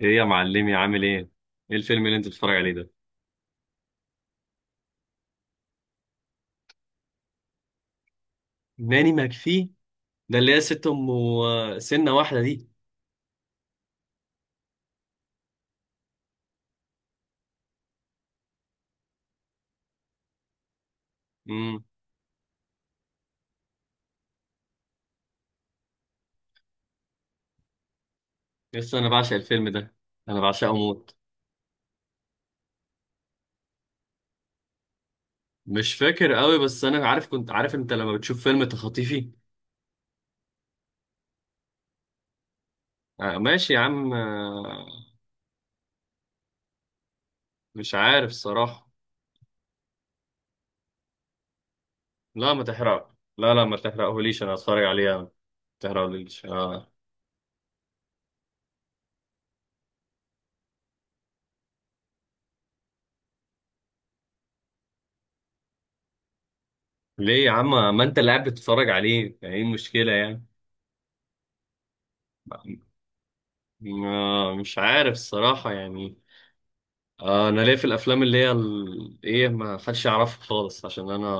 ايه يا معلمي، عامل ايه؟ ايه الفيلم اللي انت بتتفرج عليه ده؟ ناني ماكفي. ده اللي هي ست ام وسنه واحده دي؟ امم. لسه انا بعشق الفيلم ده. انا بعشقه موت. مش فاكر قوي، بس انا عارف، كنت عارف انت لما بتشوف فيلم تخطيفي. آه ماشي يا عم، آه. مش عارف الصراحه. لا، ما تحرق لا لا ما تحرقهوليش، انا هتفرج عليه يعني. ما تحرقهوليش، آه. ليه يا عم؟ ما انت اللي قاعد بتتفرج عليه يعني، ايه المشكله يعني؟ آه، مش عارف الصراحه يعني. انا ليا في الافلام اللي هي ايه، ما حدش يعرفها خالص، عشان انا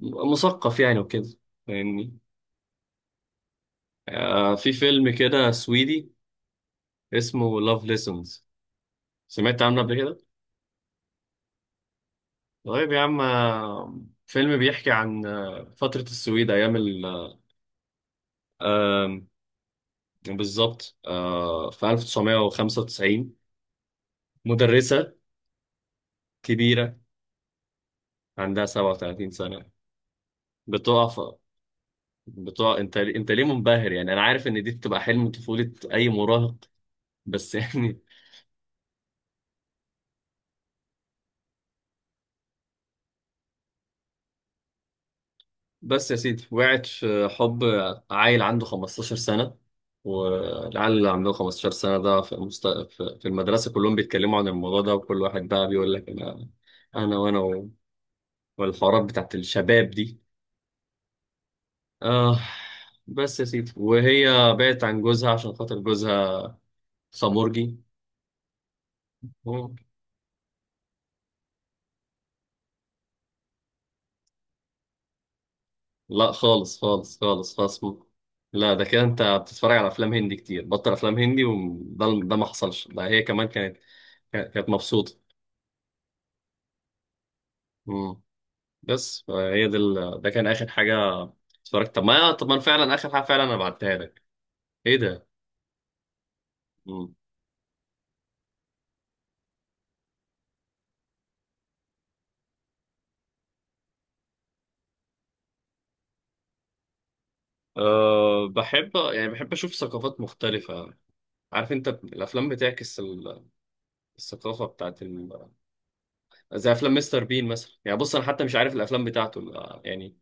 مثقف يعني وكده. فاهمني؟ آه في فيلم كده سويدي، اسمه لاف ليسونز. سمعت عنه قبل كده؟ طيب يا عم، آه. فيلم بيحكي عن فترة السويد ايام آم، بالظبط. في 1995 مدرسة كبيرة، عندها 37 سنة. بتقع في- بتقع. انت ليه منبهر يعني؟ انا عارف ان دي بتبقى حلم طفولة اي مراهق، بس يعني. بس يا سيدي، وقعت في حب عيل عنده 15 سنة. والعيال اللي عندهم 15 سنة ده في, مست... في في المدرسة كلهم بيتكلموا عن الموضوع ده، وكل واحد بقى بيقول لك أنا. أنا وأنا و... والحوارات بتاعت الشباب دي، آه. بس يا سيدي، وهي بعدت عن جوزها عشان خاطر جوزها خمرجي. مم. لا، خالص خالص خالص خالص. مم. لا، ده كده انت بتتفرج على افلام هندي كتير، بطل افلام هندي. وده ما حصلش. ده هي كمان كانت مبسوطه. امم. بس هي دي ده كان اخر حاجه اتفرجت. طب ما انا فعلا اخر حاجه، فعلا انا بعتها لك. ايه ده؟ امم. أه بحب يعني، بحب اشوف ثقافات مختلفه. عارف انت الافلام بتعكس الثقافه بتاعت زي افلام مستر بين مثلا. يعني بص، انا حتى مش عارف الافلام بتاعته يعني.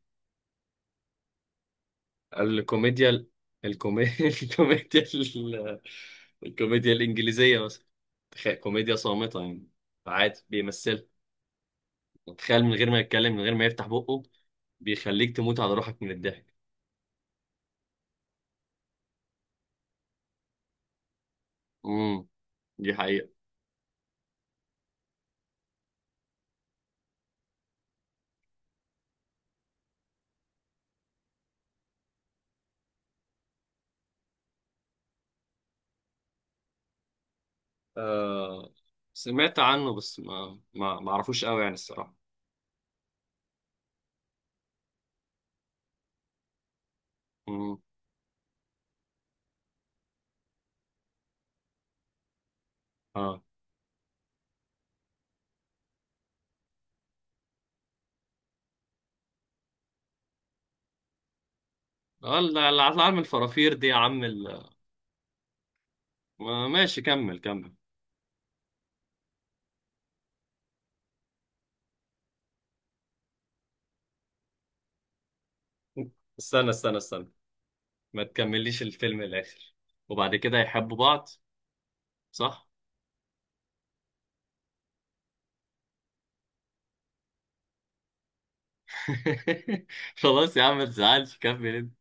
الكوميديا. الكومي... الكوميديا الكوميديا الانجليزيه مثلا. تخيل كوميديا صامته يعني. عادي بيمثلها. تخيل من غير ما يتكلم، من غير ما يفتح بقه، بيخليك تموت على روحك من الضحك. امم، دي حقيقة. آه، سمعت عنه، بس ما اعرفوش قوي يعني الصراحة. امم. اه اه، اللي هطلع من الفرافير دي يا عم ماشي، كمل كمل. استنى استنى استنى، ما تكمليش الفيلم الاخر، وبعد كده يحبوا بعض، صح؟ خلاص يا عم ما تزعلش، كمل انت.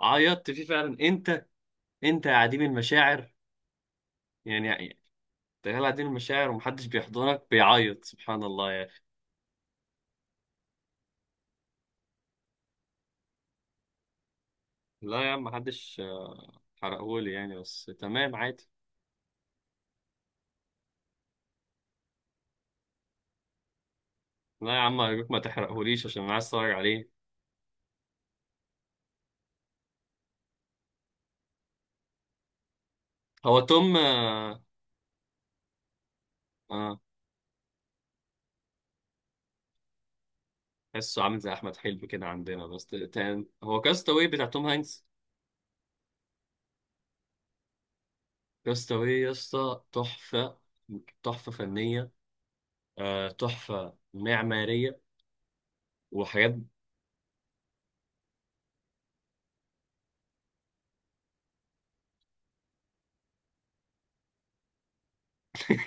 عيطت فيه فعلا انت؟ انت يا عديم المشاعر يعني؟ تخيل، دي المشاعر ومحدش بيحضنك بيعيط، سبحان الله يعني. لا يا عم، محدش حرقهولي يعني، بس تمام عادي. لا يا عم أرجوك، ما تحرقهوليش عشان أنا عايز أتفرج عليه. هو توم، آه. آه، تحسه عامل زي أحمد حلمي كده عندنا، بس تاني هو كاستاوي بتاع توم هانكس. كاستاوي يا اسطى تحفة. تحفة فنية. آه، تحفة معمارية. وحاجات.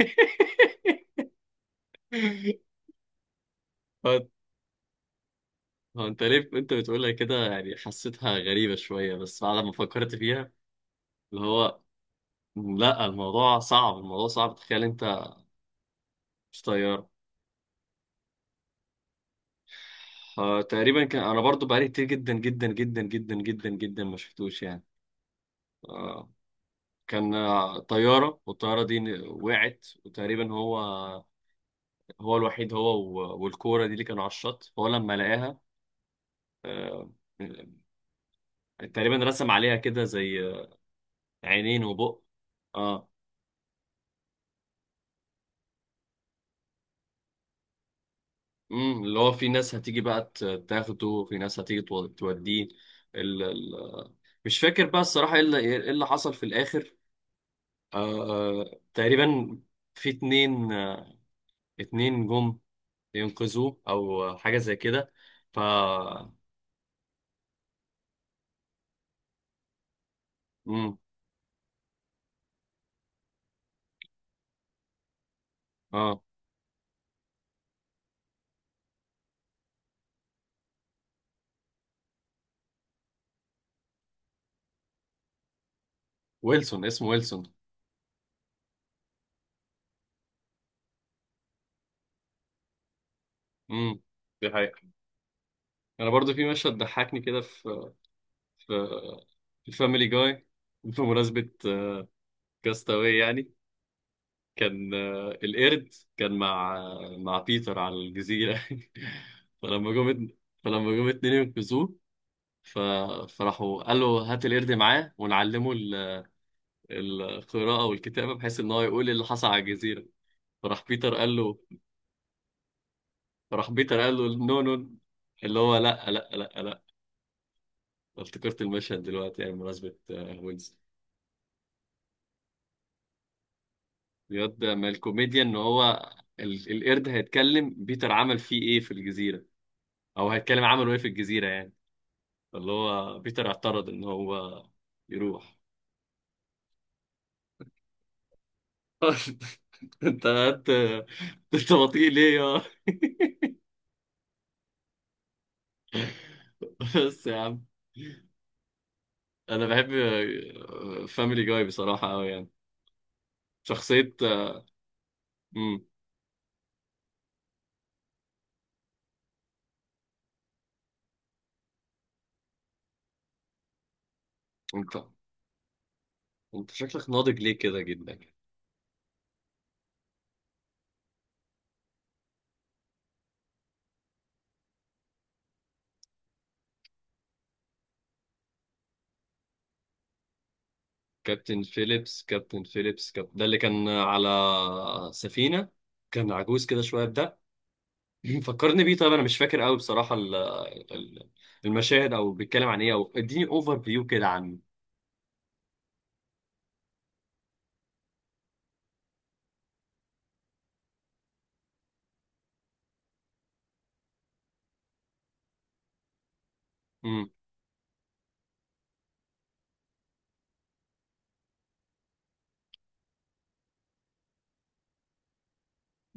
هو هو انت ليه انت بتقولها كده يعني؟ حسيتها غريبة شوية، بس بعد ما فكرت فيها، اللي هو، لا، الموضوع صعب، الموضوع صعب، تخيل انت. مش طيارة؟ آه تقريبا كان. انا برضو بقالي كتير جدا جدا جدا جدا جدا جدا ما شفتوش يعني. آه. كان طيارة، والطيارة دي وقعت، وتقريبا هو الوحيد. هو، والكورة دي اللي كانوا على الشط، هو لما لقاها آه تقريبا رسم عليها كده زي عينين وبق. اه، امم، اللي هو في ناس هتيجي بقى تاخده، في ناس هتيجي توديه. مش فاكر بقى الصراحة ايه إيه اللي حصل في الآخر. آه تقريبا في اتنين، اتنين جم ينقذوه، أو حاجة زي كده. ف مم. اه، ويلسون، اسمه ويلسون. امم، دي حقيقة. أنا برضو في مشهد ضحكني كده في في الفاميلي جاي بمناسبة كاستاوي يعني. كان القرد كان مع، مع بيتر على الجزيرة. فلما جم فلما جم اتنين ينقذوه، ف... فراحوا قالوا هات القرد معاه، ونعلمه القراءة والكتابة، بحيث إن هو يقول إيه اللي حصل على الجزيرة. فراح بيتر قال له فراح بيتر قال له نو نو، اللي هو لا لا لا لا. افتكرت المشهد دلوقتي يعني، بمناسبة ويلز. الواد ده، ما الكوميديا إن هو القرد هيتكلم بيتر عمل فيه إيه في الجزيرة، أو هيتكلم عمله إيه في الجزيرة يعني. فاللي هو بيتر اعترض إن هو يروح. انت انت انت بطيء ليه؟ بس يا عم، انا بحب فاميلي جاي بصراحه قوي يعني. شخصيه. امم. انت انت شكلك ناضج ليه كده جدا؟ كابتن فيليبس، كابتن فيليبس، ده اللي كان على سفينه، كان عجوز كده شويه ده. فكرني بيه. طيب انا مش فاكر قوي بصراحه ال- المشاهد، او بيتكلم عن ايه، او اديني اوفر فيو كده عنه. امم.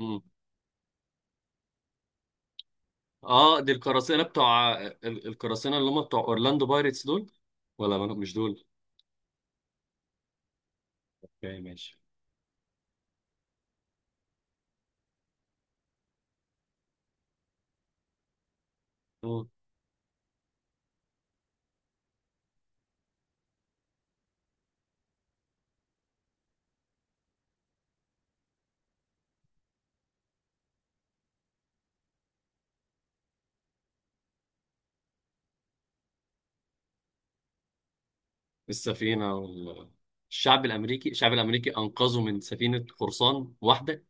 امم. اه، دي القراصنه بتوع القراصنه اللي هم بتوع اورلاندو بايرتس دول، ولا مش دول؟ اوكي ماشي. السفينة وال... الشعب الأمريكي، الشعب الأمريكي أنقذه من سفينة قرصان واحدة.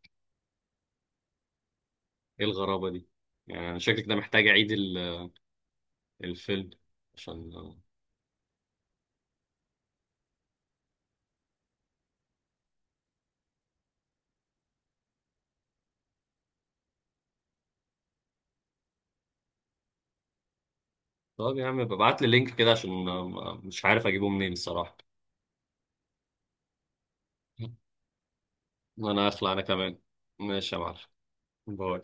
إيه الغرابة دي يعني؟ أنا شكلك ده محتاج أعيد الفيلم عشان. طب يا عم، ببعت لي لينك كده، عشان مش عارف أجيبه منين الصراحة. أنا أخلع أنا كمان. ماشي يا معلم. باي.